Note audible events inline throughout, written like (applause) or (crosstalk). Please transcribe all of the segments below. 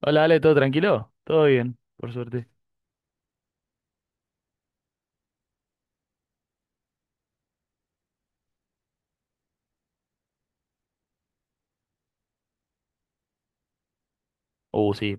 Hola, Ale, ¿todo tranquilo? Todo bien, por suerte. Sí,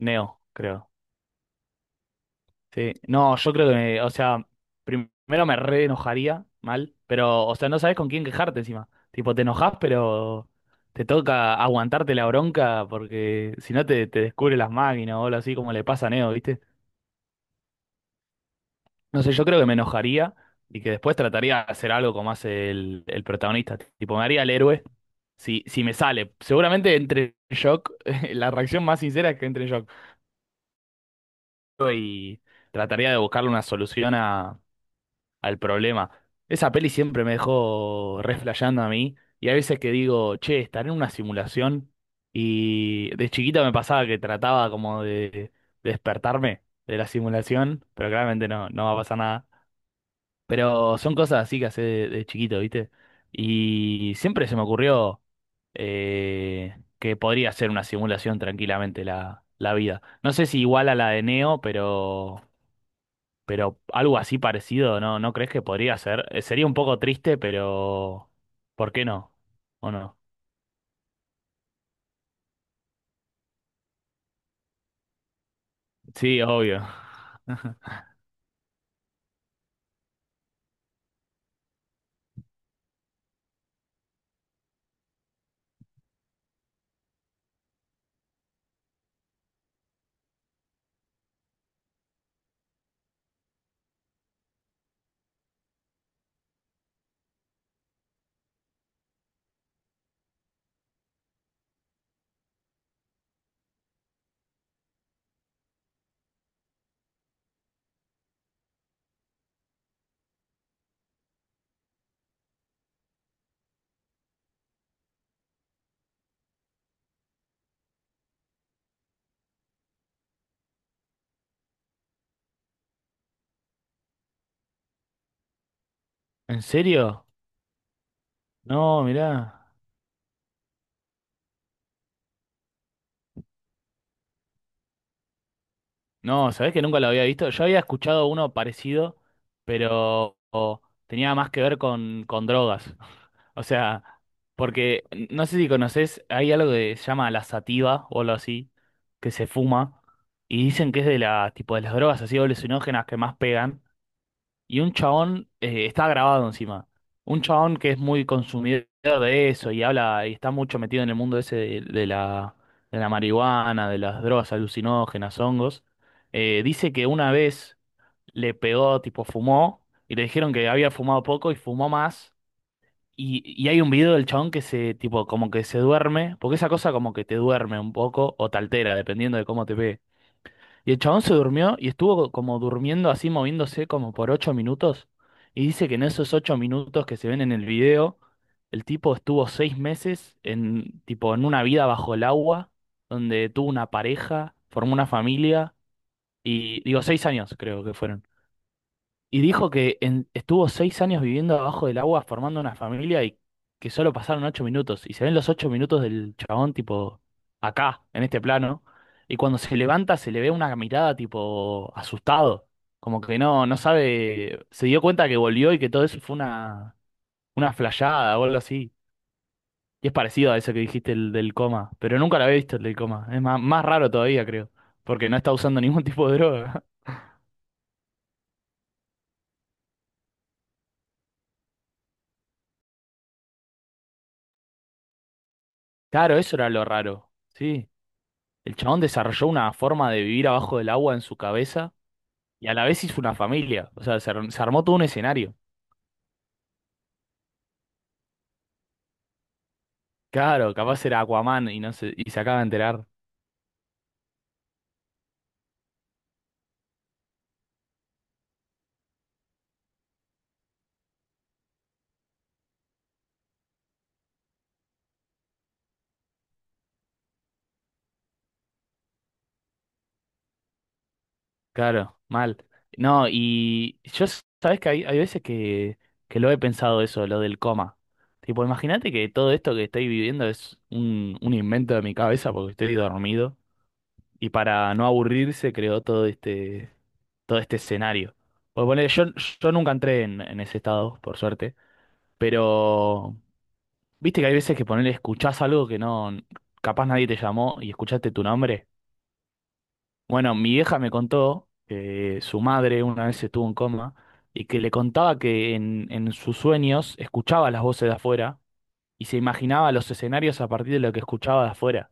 Neo, creo. Sí, no, yo creo que me, o sea, primero me re enojaría mal, pero, o sea, no sabes con quién quejarte encima. Tipo, te enojas, pero te toca aguantarte la bronca porque si no te descubre las máquinas o algo así como le pasa a Neo, ¿viste? No sé, yo creo que me enojaría y que después trataría de hacer algo como hace el protagonista. Tipo, me haría el héroe. Si me sale, seguramente entre en shock. (laughs) La reacción más sincera es que entre en shock. Y trataría de buscarle una solución al problema. Esa peli siempre me dejó reflejando a mí y hay veces que digo, che, estaré en una simulación y de chiquita me pasaba que trataba como de despertarme de la simulación, pero claramente no va a pasar nada. Pero son cosas así que hace de chiquito, ¿viste? Y siempre se me ocurrió que podría ser una simulación tranquilamente la vida. No sé si igual a la de Neo, pero... Pero algo así parecido, ¿no? ¿No crees que podría ser? Sería un poco triste, pero ¿por qué no? ¿O no? Sí, obvio. ¿En serio? No, mirá. No, ¿sabés que nunca lo había visto? Yo había escuchado uno parecido, pero o, tenía más que ver con drogas. (laughs) O sea, porque no sé si conocés, hay algo que se llama la sativa o algo así, que se fuma, y dicen que es de la, tipo de las drogas así alucinógenas que más pegan. Y un chabón, está grabado encima. Un chabón que es muy consumidor de eso y habla y está mucho metido en el mundo ese de, de la marihuana, de las drogas alucinógenas, hongos. Dice que una vez le pegó, tipo fumó, y le dijeron que había fumado poco y fumó más. Y hay un video del chabón que se, tipo, como que se duerme, porque esa cosa como que te duerme un poco o te altera, dependiendo de cómo te pegue. Y el chabón se durmió y estuvo como durmiendo así, moviéndose como por 8 minutos. Y dice que en esos 8 minutos que se ven en el video, el tipo estuvo 6 meses en, tipo, en una vida bajo el agua, donde tuvo una pareja, formó una familia, y digo, 6 años creo que fueron. Y dijo que en- estuvo 6 años viviendo abajo del agua formando una familia y que solo pasaron 8 minutos. Y se ven los 8 minutos del chabón, tipo, acá, en este plano. Y cuando se levanta se le ve una mirada, tipo, asustado. Como que no, no sabe, se dio cuenta que volvió y que todo eso fue una flayada o algo así. Y es parecido a eso que dijiste el del coma, pero nunca lo había visto el del coma. Es más, más raro todavía, creo, porque no está usando (laughs) ningún tipo de droga. (laughs) Claro, eso era lo raro. Sí. El chabón desarrolló una forma de vivir abajo del agua en su cabeza y a la vez hizo una familia. O sea, se armó todo un escenario. Claro, capaz era Aquaman y no se, y se acaba de enterar. Claro, mal. No, y yo, sabes que hay, veces que lo he pensado eso, lo del coma. Tipo, imagínate que todo esto que estoy viviendo es un invento de mi cabeza porque estoy dormido. Y para no aburrirse creó todo este escenario. Pues bueno, yo nunca entré en ese estado, por suerte. Pero, viste que hay veces que ponerle escuchás algo que no, capaz nadie te llamó y escuchaste tu nombre. Bueno, mi vieja me contó que su madre una vez estuvo en coma y que le contaba que en sus sueños escuchaba las voces de afuera y se imaginaba los escenarios a partir de lo que escuchaba de afuera.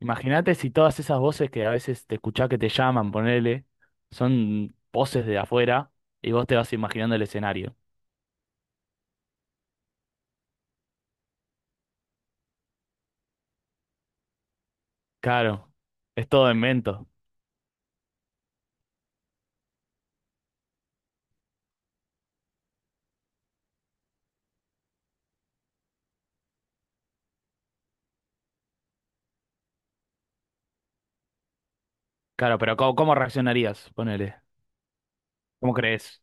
Imagínate si todas esas voces que a veces te escuchás que te llaman, ponele, son voces de afuera y vos te vas imaginando el escenario. Claro, es todo invento. Claro, pero ¿cómo, cómo reaccionarías? Ponele. ¿Cómo crees?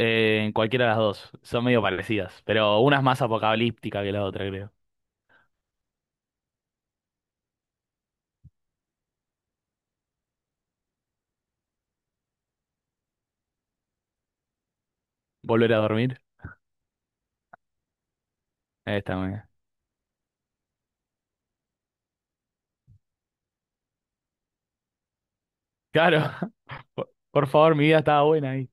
En cualquiera de las dos. Son medio parecidas, pero una es más apocalíptica que la otra, creo. ¿Volver a dormir? Esta, mía. Claro. (laughs) Por favor, mi vida estaba buena ahí.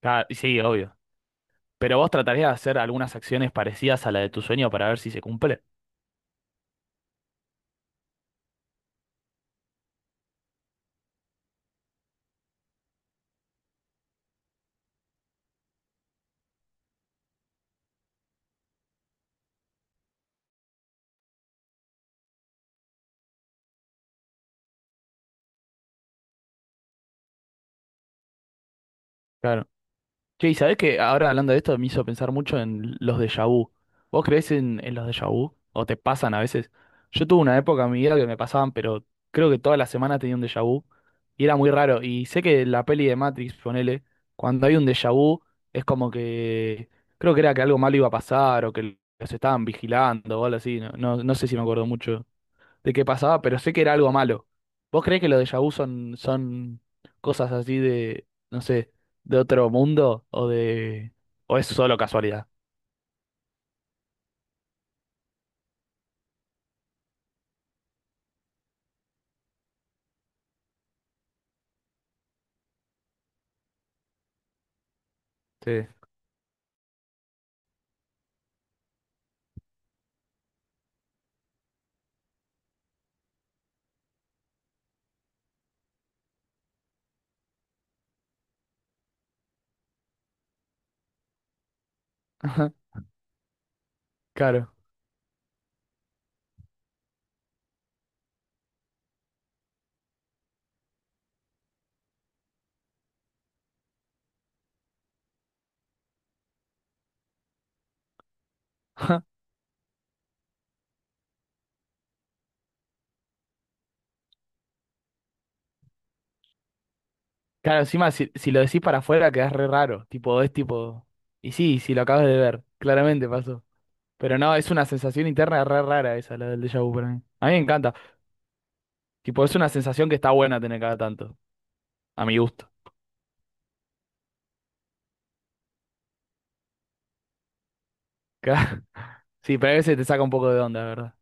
Claro, sí, obvio. Pero vos tratarías de hacer algunas acciones parecidas a la de tu sueño para ver si se cumple. Claro. Che, y sabés que ahora hablando de esto me hizo pensar mucho en los déjà vu. ¿Vos creés en los déjà vu? ¿O te pasan a veces? Yo tuve una época en mi vida que me pasaban, pero creo que toda la semana tenía un déjà vu y era muy raro. Y sé que la peli de Matrix, ponele, cuando hay un déjà vu es como que creo que era que algo malo iba a pasar o que los estaban vigilando o algo así. No, no, no sé si me acuerdo mucho de qué pasaba, pero sé que era algo malo. ¿Vos creés que los déjà vu son cosas así de, no sé, de otro mundo o de... o es solo casualidad? Sí. (laughs) Ajá, claro. Ajá. Claro, encima si, lo decís para afuera quedás re raro, tipo, es tipo... Y sí, si lo acabas de ver, claramente pasó. Pero no, es una sensación interna re rara esa, la del déjà vu para mí. A mí me encanta. Tipo, es una sensación que está buena tener cada tanto, a mi gusto. (laughs) Sí, pero a veces te saca un poco de onda, la ¿verdad?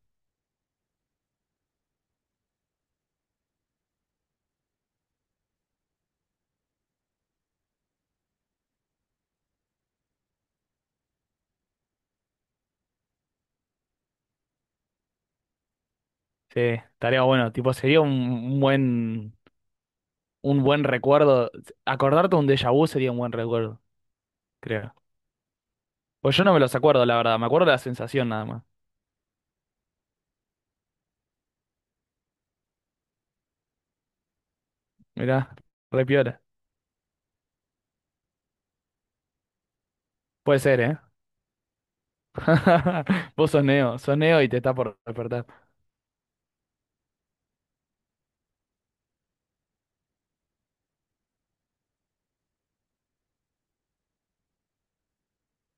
Sí, estaría bueno. Tipo, sería un, un buen recuerdo. Acordarte un déjà vu sería un buen recuerdo, creo. Pues yo no me los acuerdo, la verdad. Me acuerdo de la sensación nada más. Mirá, re piola. Puede ser, ¿eh? (laughs) Vos sos Neo y te está por despertar.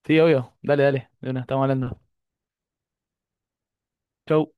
Sí, obvio. Dale, dale. De una, estamos hablando. Chau.